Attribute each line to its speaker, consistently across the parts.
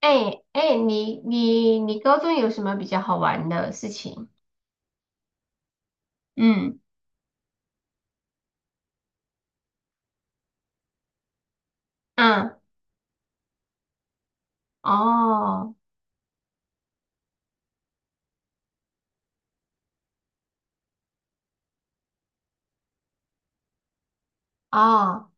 Speaker 1: 哎哎，你高中有什么比较好玩的事情？嗯，嗯，哦哦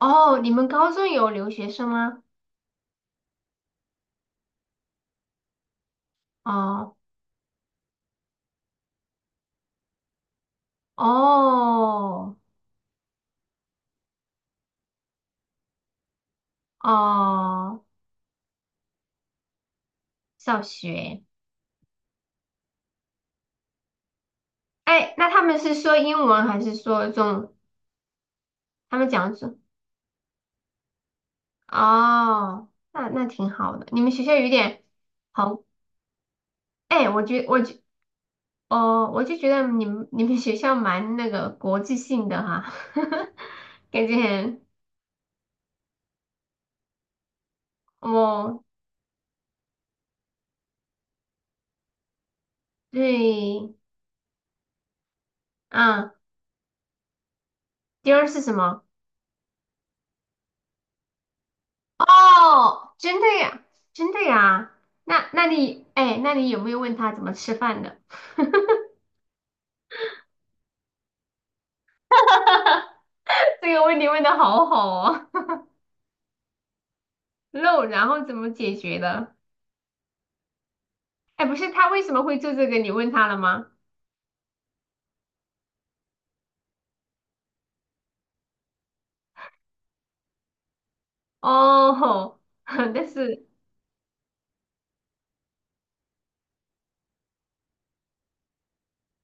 Speaker 1: 哦，你们高中有留学生吗？哦哦哦，上学。哎，那他们是说英文还是说中？他们讲是哦，那挺好的。你们学校有点好，哎，我觉我觉哦，我就觉得你们学校蛮那个国际性的哈，感觉很。哦，对，嗯，第二是什么？哦，真的呀，真的呀。那你，哎，那你有没有问他怎么吃饭的？这个问题问的好好哦，肉，然后怎么解决的？哎，不是他为什么会做这个？你问他了吗？哦吼 但是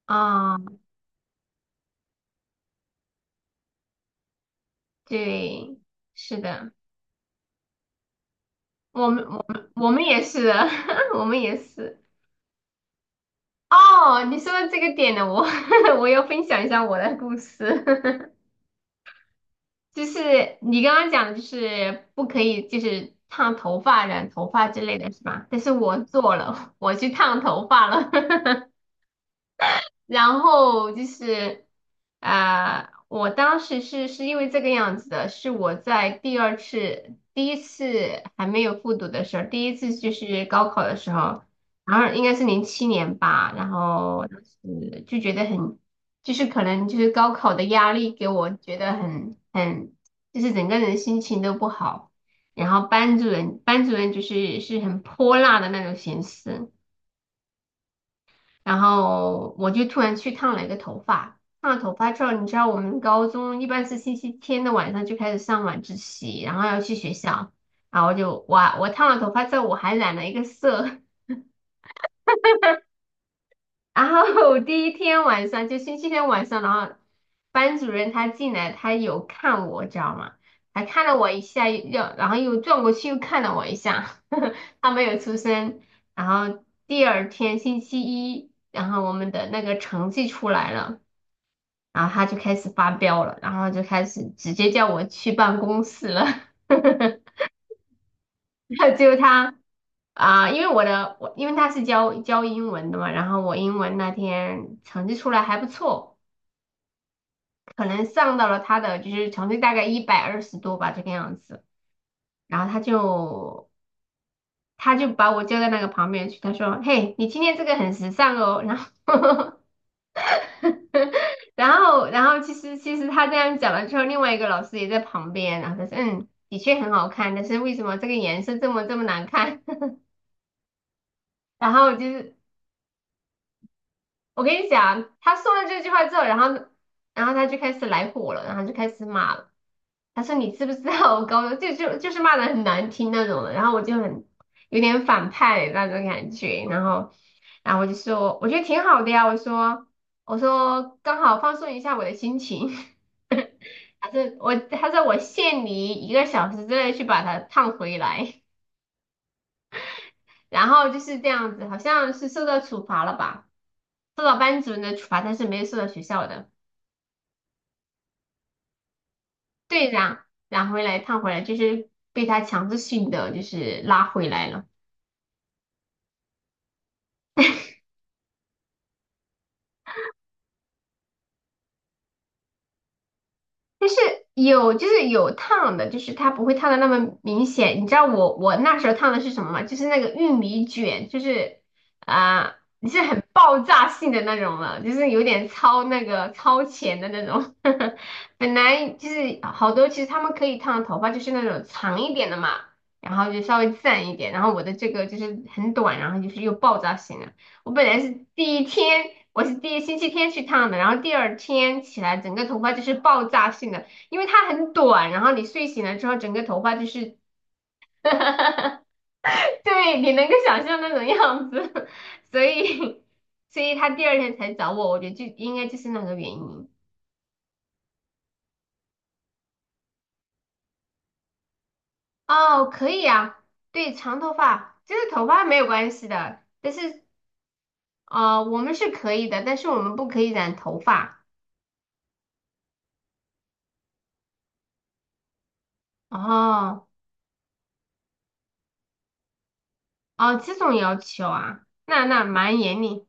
Speaker 1: 啊，对，是的，我们也是的，我们也是。哦，你说到这个点呢，我 我要分享一下我的故事。就是你刚刚讲的，就是不可以，就是烫头发、染头发之类的是吧？但是我做了，我去烫头发了。然后就是我当时是因为这个样子的，是我在第二次、第一次还没有复读的时候，第一次就是高考的时候，然后应该是07年吧，然后当时就觉得很，就是可能就是高考的压力给我觉得很，就是整个人心情都不好，然后班主任就是很泼辣的那种形式。然后我就突然去烫了一个头发，烫了头发之后，你知道我们高中一般是星期天的晚上就开始上晚自习，然后要去学校，然后我就哇，我烫了头发之后我还染了一个色，然后第一天晚上就星期天晚上，然后班主任他进来，他有看我，知道吗？还看了我一下，又然后又转过去又看了我一下，他没有出声。然后第二天星期一，然后我们的那个成绩出来了。然后他就开始发飙了，然后就开始直接叫我去办公室了。然后结果他因为我因为他是教英文的嘛，然后我英文那天成绩出来还不错，可能上到了他的就是成绩大概120多吧这个样子。然后他就把我叫到那个旁边去，他说："嘿，你今天这个很时尚哦。"然后 然后，其实他这样讲了之后，另外一个老师也在旁边，然后他说，嗯，的确很好看，但是为什么这个颜色这么这么难看？然后就是我跟你讲，他说了这句话之后，然后他就开始来火了，然后就开始骂了。他说你知不知道我高中就是骂的很难听那种的，然后我就很有点反派那种感觉，然后我就说我觉得挺好的呀，我说刚好放松一下我的心情。还是我，他说我限你1个小时之内去把它烫回来，然后就是这样子，好像是受到处罚了吧，受到班主任的处罚，但是没有受到学校的。对，染回来烫回来，就是被他强制性的就是拉回来了。但是有就是有烫的，就是它不会烫的那么明显。你知道我那时候烫的是什么吗？就是那个玉米卷，就是啊，你是很爆炸性的那种了，就是有点超那个超前的那种。本来就是好多，其实他们可以烫头发，就是那种长一点的嘛，然后就稍微自然一点。然后我的这个就是很短，然后就是又爆炸型。我本来是第一天，我是第一星期天去烫的，然后第二天起来，整个头发就是爆炸性的，因为它很短，然后你睡醒了之后，整个头发就是，对，你能够想象那种样子，所以，他第二天才找我，我觉得就应该就是那个原因。哦，可以啊，对，长头发，就是头发没有关系的，但是，我们是可以的，但是我们不可以染头发。哦，哦，这种要求啊，那蛮严厉。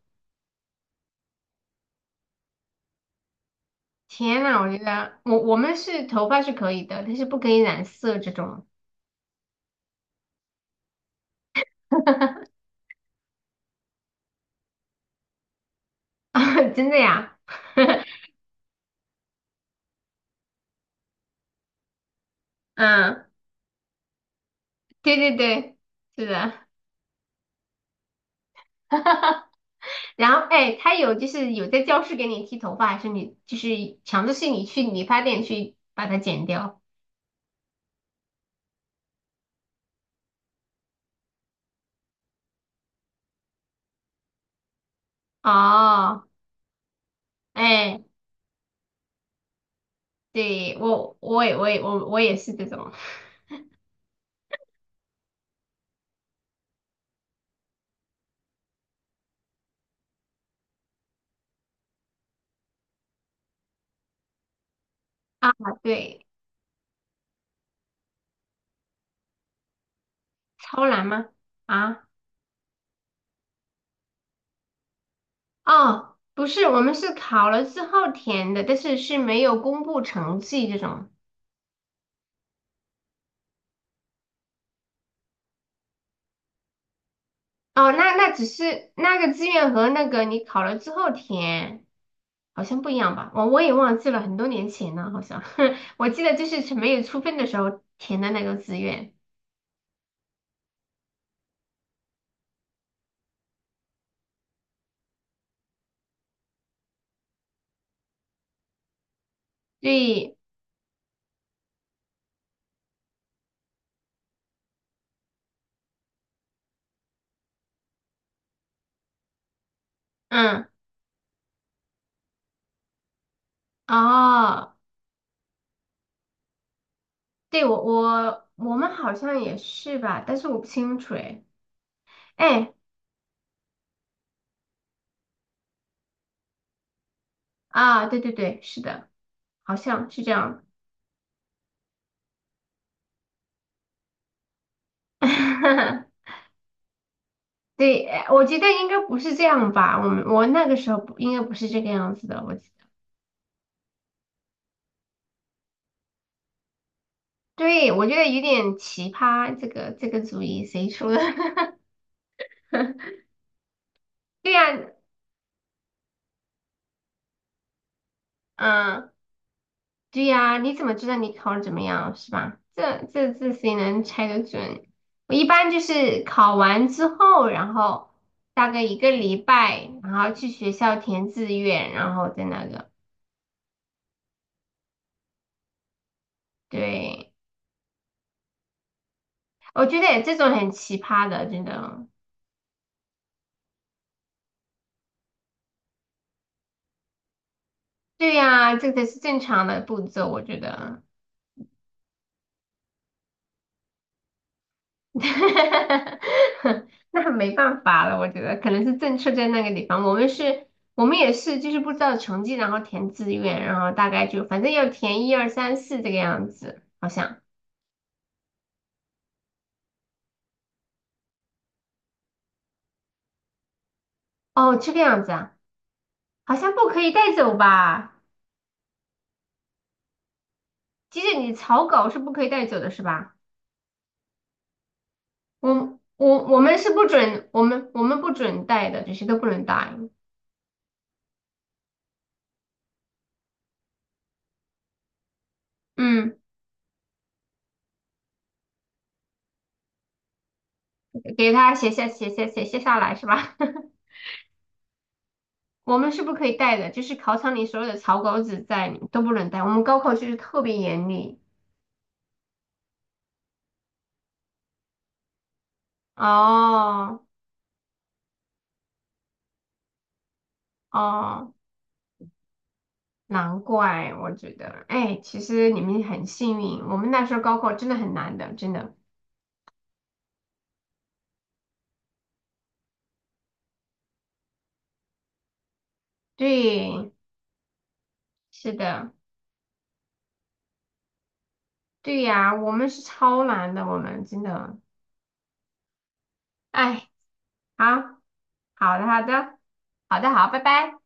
Speaker 1: 天呐，我觉得我们是头发是可以的，但是不可以染色这种。真的呀？嗯，对对对，是的。然后哎，他有就是有在教室给你剃头发，还是你就是强制性你去理发店去把它剪掉？哦，哎，对我也是这种啊，对，超难吗？啊，哦，不是，我们是考了之后填的，但是没有公布成绩这种。哦，那只是那个志愿和那个你考了之后填，好像不一样吧？我也忘记了，很多年前了，好像 我记得就是没有出分的时候填的那个志愿。对，嗯，哦，对我们好像也是吧，但是我不清楚哎。哎啊，对对对，是的，好像是这样。对，哎我觉得应该不是这样吧？我那个时候不应该不是这个样子的，我对，我觉得有点奇葩，这个主意谁出的？对呀，嗯，对呀，你怎么知道你考的怎么样，是吧？这谁能猜得准？我一般就是考完之后，然后大概一个礼拜，然后去学校填志愿，然后再那个。对，我觉得这种很奇葩的，真的。对呀，这个才是正常的步骤，我觉得。那没办法了，我觉得可能是政策在那个地方。我们是，我们也是，就是不知道成绩，然后填志愿，然后大概就反正要填一二三四这个样子，好像。哦，这个样子啊，好像不可以带走吧？即使你草稿是不可以带走的，是吧？我们是不准，我们不准带的，这些都不能带。嗯，给他写下来是吧？我们是不可以带的，就是考场里所有的草稿纸在你都不能带。我们高考就是特别严厉。哦哦，难怪我觉得，哎，其实你们很幸运，我们那时候高考真的很难的，真的。对，是的，对呀，我们是超难的，我们真的，哎，好好的好的好的好，拜拜。